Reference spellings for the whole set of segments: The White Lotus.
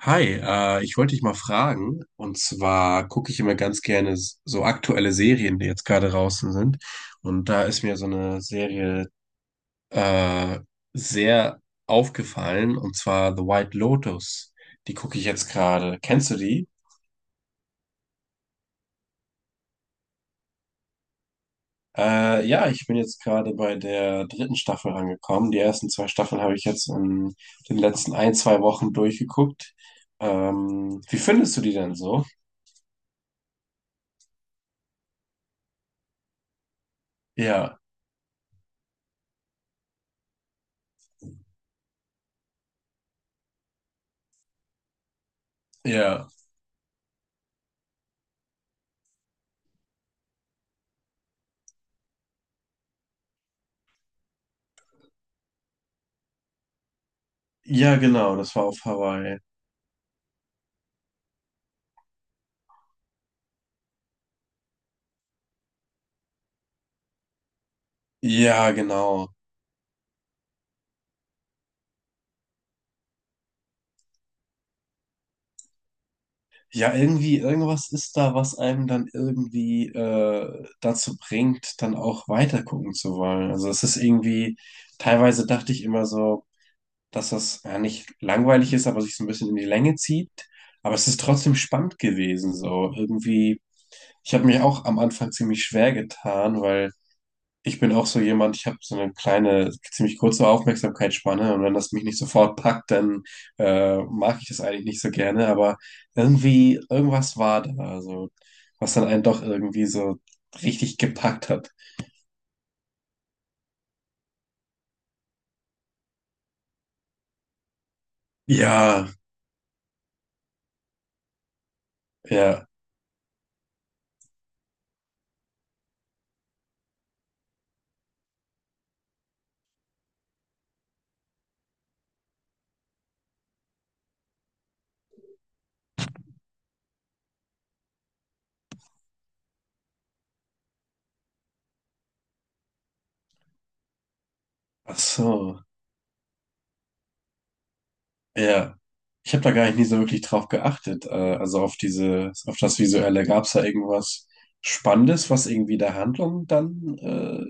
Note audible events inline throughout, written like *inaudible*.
Hi, ich wollte dich mal fragen, und zwar gucke ich immer ganz gerne so aktuelle Serien, die jetzt gerade draußen sind. Und da ist mir so eine Serie äh, sehr aufgefallen, und zwar The White Lotus. Die gucke ich jetzt gerade. Kennst du die? Ja, ich bin jetzt gerade bei der dritten Staffel rangekommen. Die ersten zwei Staffeln habe ich jetzt in den letzten ein, zwei Wochen durchgeguckt. Wie findest du die denn so? Ja, ja. Ja, genau, das war auf Hawaii. Ja, genau. Ja, irgendwie, irgendwas ist da, was einem dann irgendwie dazu bringt, dann auch weiter gucken zu wollen. Also es ist irgendwie, teilweise dachte ich immer so, dass das ja nicht langweilig ist, aber sich so ein bisschen in die Länge zieht. Aber es ist trotzdem spannend gewesen, so irgendwie. Ich habe mich auch am Anfang ziemlich schwer getan, weil ich bin auch so jemand, ich habe so eine kleine, ziemlich kurze Aufmerksamkeitsspanne und wenn das mich nicht sofort packt, dann mag ich das eigentlich nicht so gerne, aber irgendwie, irgendwas war da, also was dann einen doch irgendwie so richtig gepackt hat. Ja, ja, ach so, ja. Ich habe da gar nicht nie so wirklich drauf geachtet, also auf diese, auf das Visuelle. Gab es da irgendwas Spannendes, was irgendwie der Handlung dann,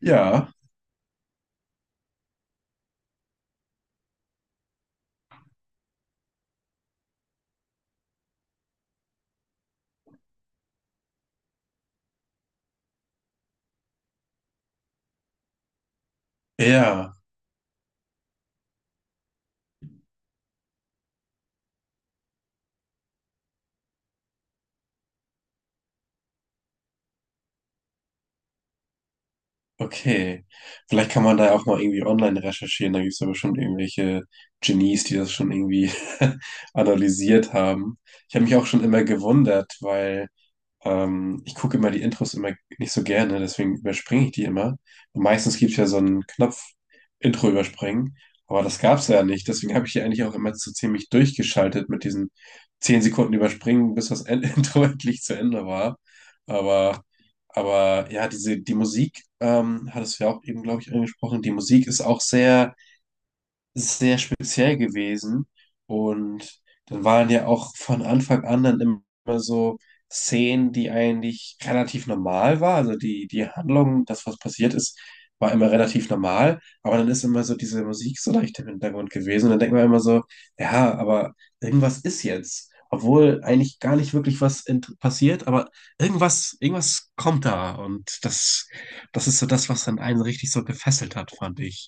ja, ja. Okay. Vielleicht kann man da ja auch mal irgendwie online recherchieren. Da gibt es ja bestimmt irgendwelche Genies, die das schon irgendwie *laughs* analysiert haben. Ich habe mich auch schon immer gewundert, weil. Ich gucke immer die Intros immer nicht so gerne, deswegen überspringe ich die immer. Und meistens gibt es ja so einen Knopf Intro überspringen, aber das gab es ja nicht. Deswegen habe ich hier eigentlich auch immer so ziemlich durchgeschaltet mit diesen 10 Sekunden überspringen, bis das End *laughs* Intro endlich zu Ende war. Aber, aber ja, diese, die Musik, hattest du ja auch eben, glaube ich, angesprochen, die Musik ist auch sehr sehr speziell gewesen. Und dann waren ja auch von Anfang an dann immer so Szenen, die eigentlich relativ normal war. Also die, die Handlung, das, was passiert ist, war immer relativ normal. Aber dann ist immer so diese Musik so leicht im Hintergrund gewesen. Und dann denkt man immer so, ja, aber irgendwas ist jetzt. Obwohl eigentlich gar nicht wirklich was passiert, aber irgendwas, irgendwas kommt da. Und das, das ist so das, was dann einen richtig so gefesselt hat, fand ich.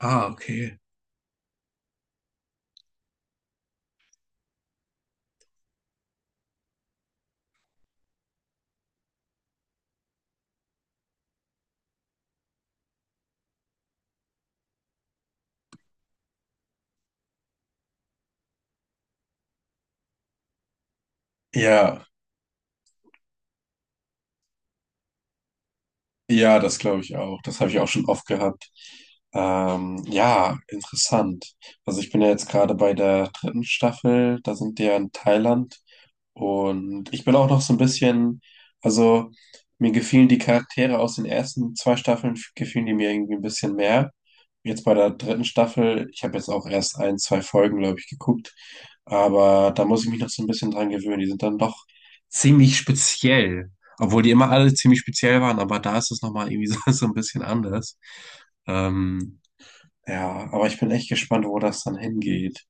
Ah, okay. Ja, ja, das glaube ich auch. Das habe ich auch schon oft gehabt. Ja, interessant. Also ich bin ja jetzt gerade bei der dritten Staffel. Da sind die ja in Thailand. Und ich bin auch noch so ein bisschen, also mir gefielen die Charaktere aus den ersten zwei Staffeln, gefielen die mir irgendwie ein bisschen mehr. Jetzt bei der dritten Staffel, ich habe jetzt auch erst ein, zwei Folgen, glaube ich, geguckt, aber da muss ich mich noch so ein bisschen dran gewöhnen. Die sind dann doch ziemlich speziell, obwohl die immer alle ziemlich speziell waren, aber da ist es nochmal irgendwie so, *laughs* so ein bisschen anders. Ähm, ja, aber ich bin echt gespannt, wo das dann hingeht.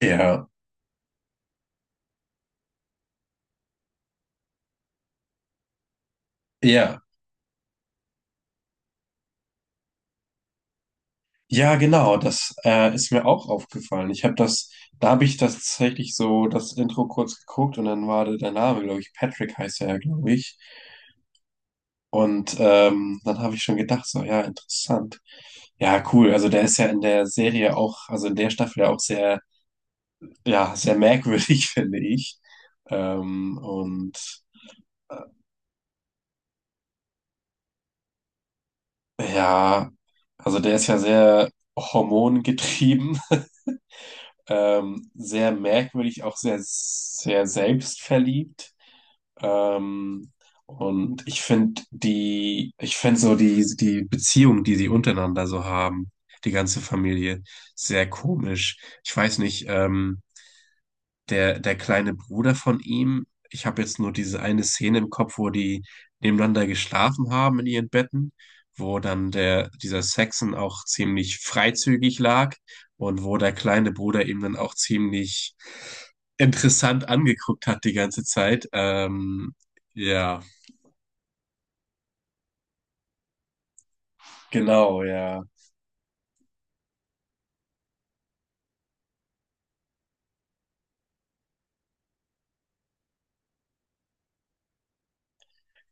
Ja, ja. Ja, genau, das ist mir auch aufgefallen. Ich habe das, da habe ich das tatsächlich so das Intro kurz geguckt und dann war da der Name, glaube ich, Patrick heißt er, glaube ich. Und dann habe ich schon gedacht, so, ja, interessant. Ja, cool. Also der ist ja in der Serie auch, also in der Staffel ja auch sehr, ja, sehr merkwürdig, *laughs* finde ich. Ähm, und äh, ja, also der ist ja sehr hormongetrieben *laughs* sehr merkwürdig, auch sehr, sehr selbstverliebt. Ähm, und ich finde die, ich finde so die, die Beziehung, die sie untereinander so haben, die ganze Familie, sehr komisch. Ich weiß nicht, der, der kleine Bruder von ihm. Ich habe jetzt nur diese eine Szene im Kopf, wo die nebeneinander geschlafen haben in ihren Betten, wo dann der, dieser Saxon auch ziemlich freizügig lag und wo der kleine Bruder ihm dann auch ziemlich interessant angeguckt hat die ganze Zeit. Ja, genau, ja,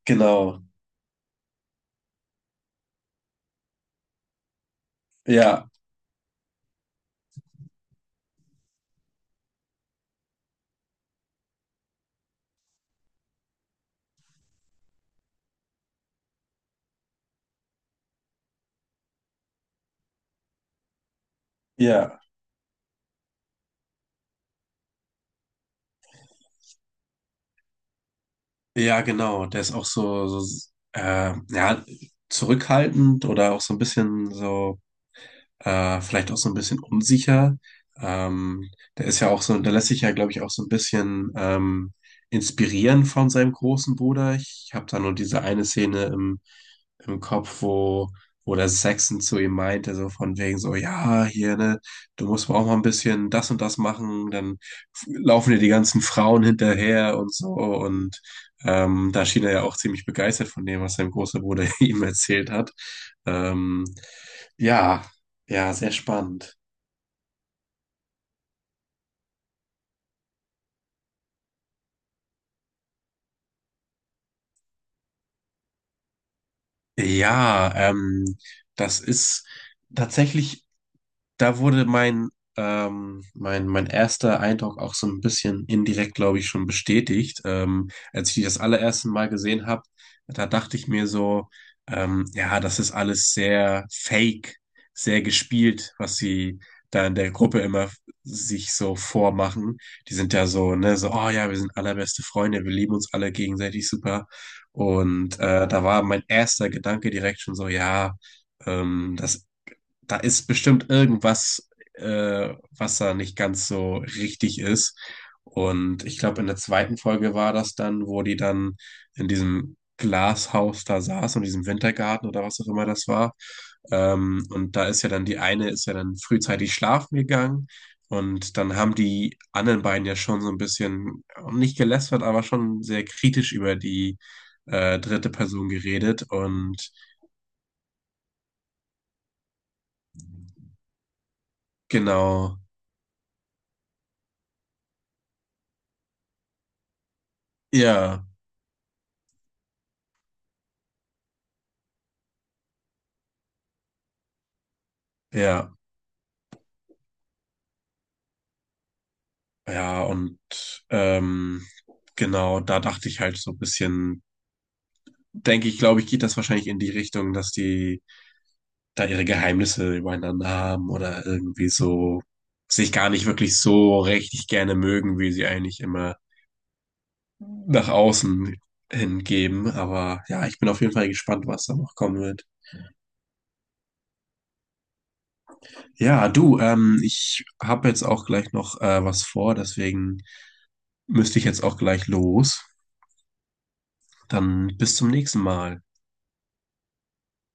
genau, ja, ja, ja, genau. Der ist auch so, so ja, zurückhaltend oder auch so ein bisschen so. Vielleicht auch so ein bisschen unsicher. Ähm, der ist ja auch so, der lässt sich ja, glaube ich, auch so ein bisschen inspirieren von seinem großen Bruder. Ich habe da nur diese eine Szene im, im Kopf, wo, wo der Saxon zu ihm meinte, so von wegen so, ja, hier, ne, du musst mal auch mal ein bisschen das und das machen, dann laufen dir die ganzen Frauen hinterher und so und da schien er ja auch ziemlich begeistert von dem, was sein großer Bruder *laughs* ihm erzählt hat. Ähm, ja, ja, sehr spannend. Ja, das ist tatsächlich da wurde mein, mein, mein erster Eindruck auch so ein bisschen indirekt, glaube ich, schon bestätigt. Als ich die das allererste Mal gesehen habe, da dachte ich mir so, ja, das ist alles sehr fake, sehr gespielt, was sie da in der Gruppe immer sich so vormachen. Die sind ja so, ne, so, oh ja, wir sind allerbeste Freunde, wir lieben uns alle gegenseitig super. Und da war mein erster Gedanke direkt schon so, ja, das da ist bestimmt irgendwas, was da nicht ganz so richtig ist. Und ich glaube, in der zweiten Folge war das dann, wo die dann in diesem Glashaus da saß, in diesem Wintergarten oder was auch immer das war. Und da ist ja dann die eine, ist ja dann frühzeitig schlafen gegangen. Und dann haben die anderen beiden ja schon so ein bisschen, nicht gelästert, aber schon sehr kritisch über die dritte Person geredet. Und genau, ja, ja. Ja, und ähm, genau, da dachte ich halt so ein bisschen, denke ich, glaube ich, geht das wahrscheinlich in die Richtung, dass die da ihre Geheimnisse übereinander haben oder irgendwie so sich gar nicht wirklich so richtig gerne mögen, wie sie eigentlich immer nach außen hingeben. Aber ja, ich bin auf jeden Fall gespannt, was da noch kommen wird. Ja, du, ich habe jetzt auch gleich noch was vor, deswegen müsste ich jetzt auch gleich los. Dann bis zum nächsten Mal.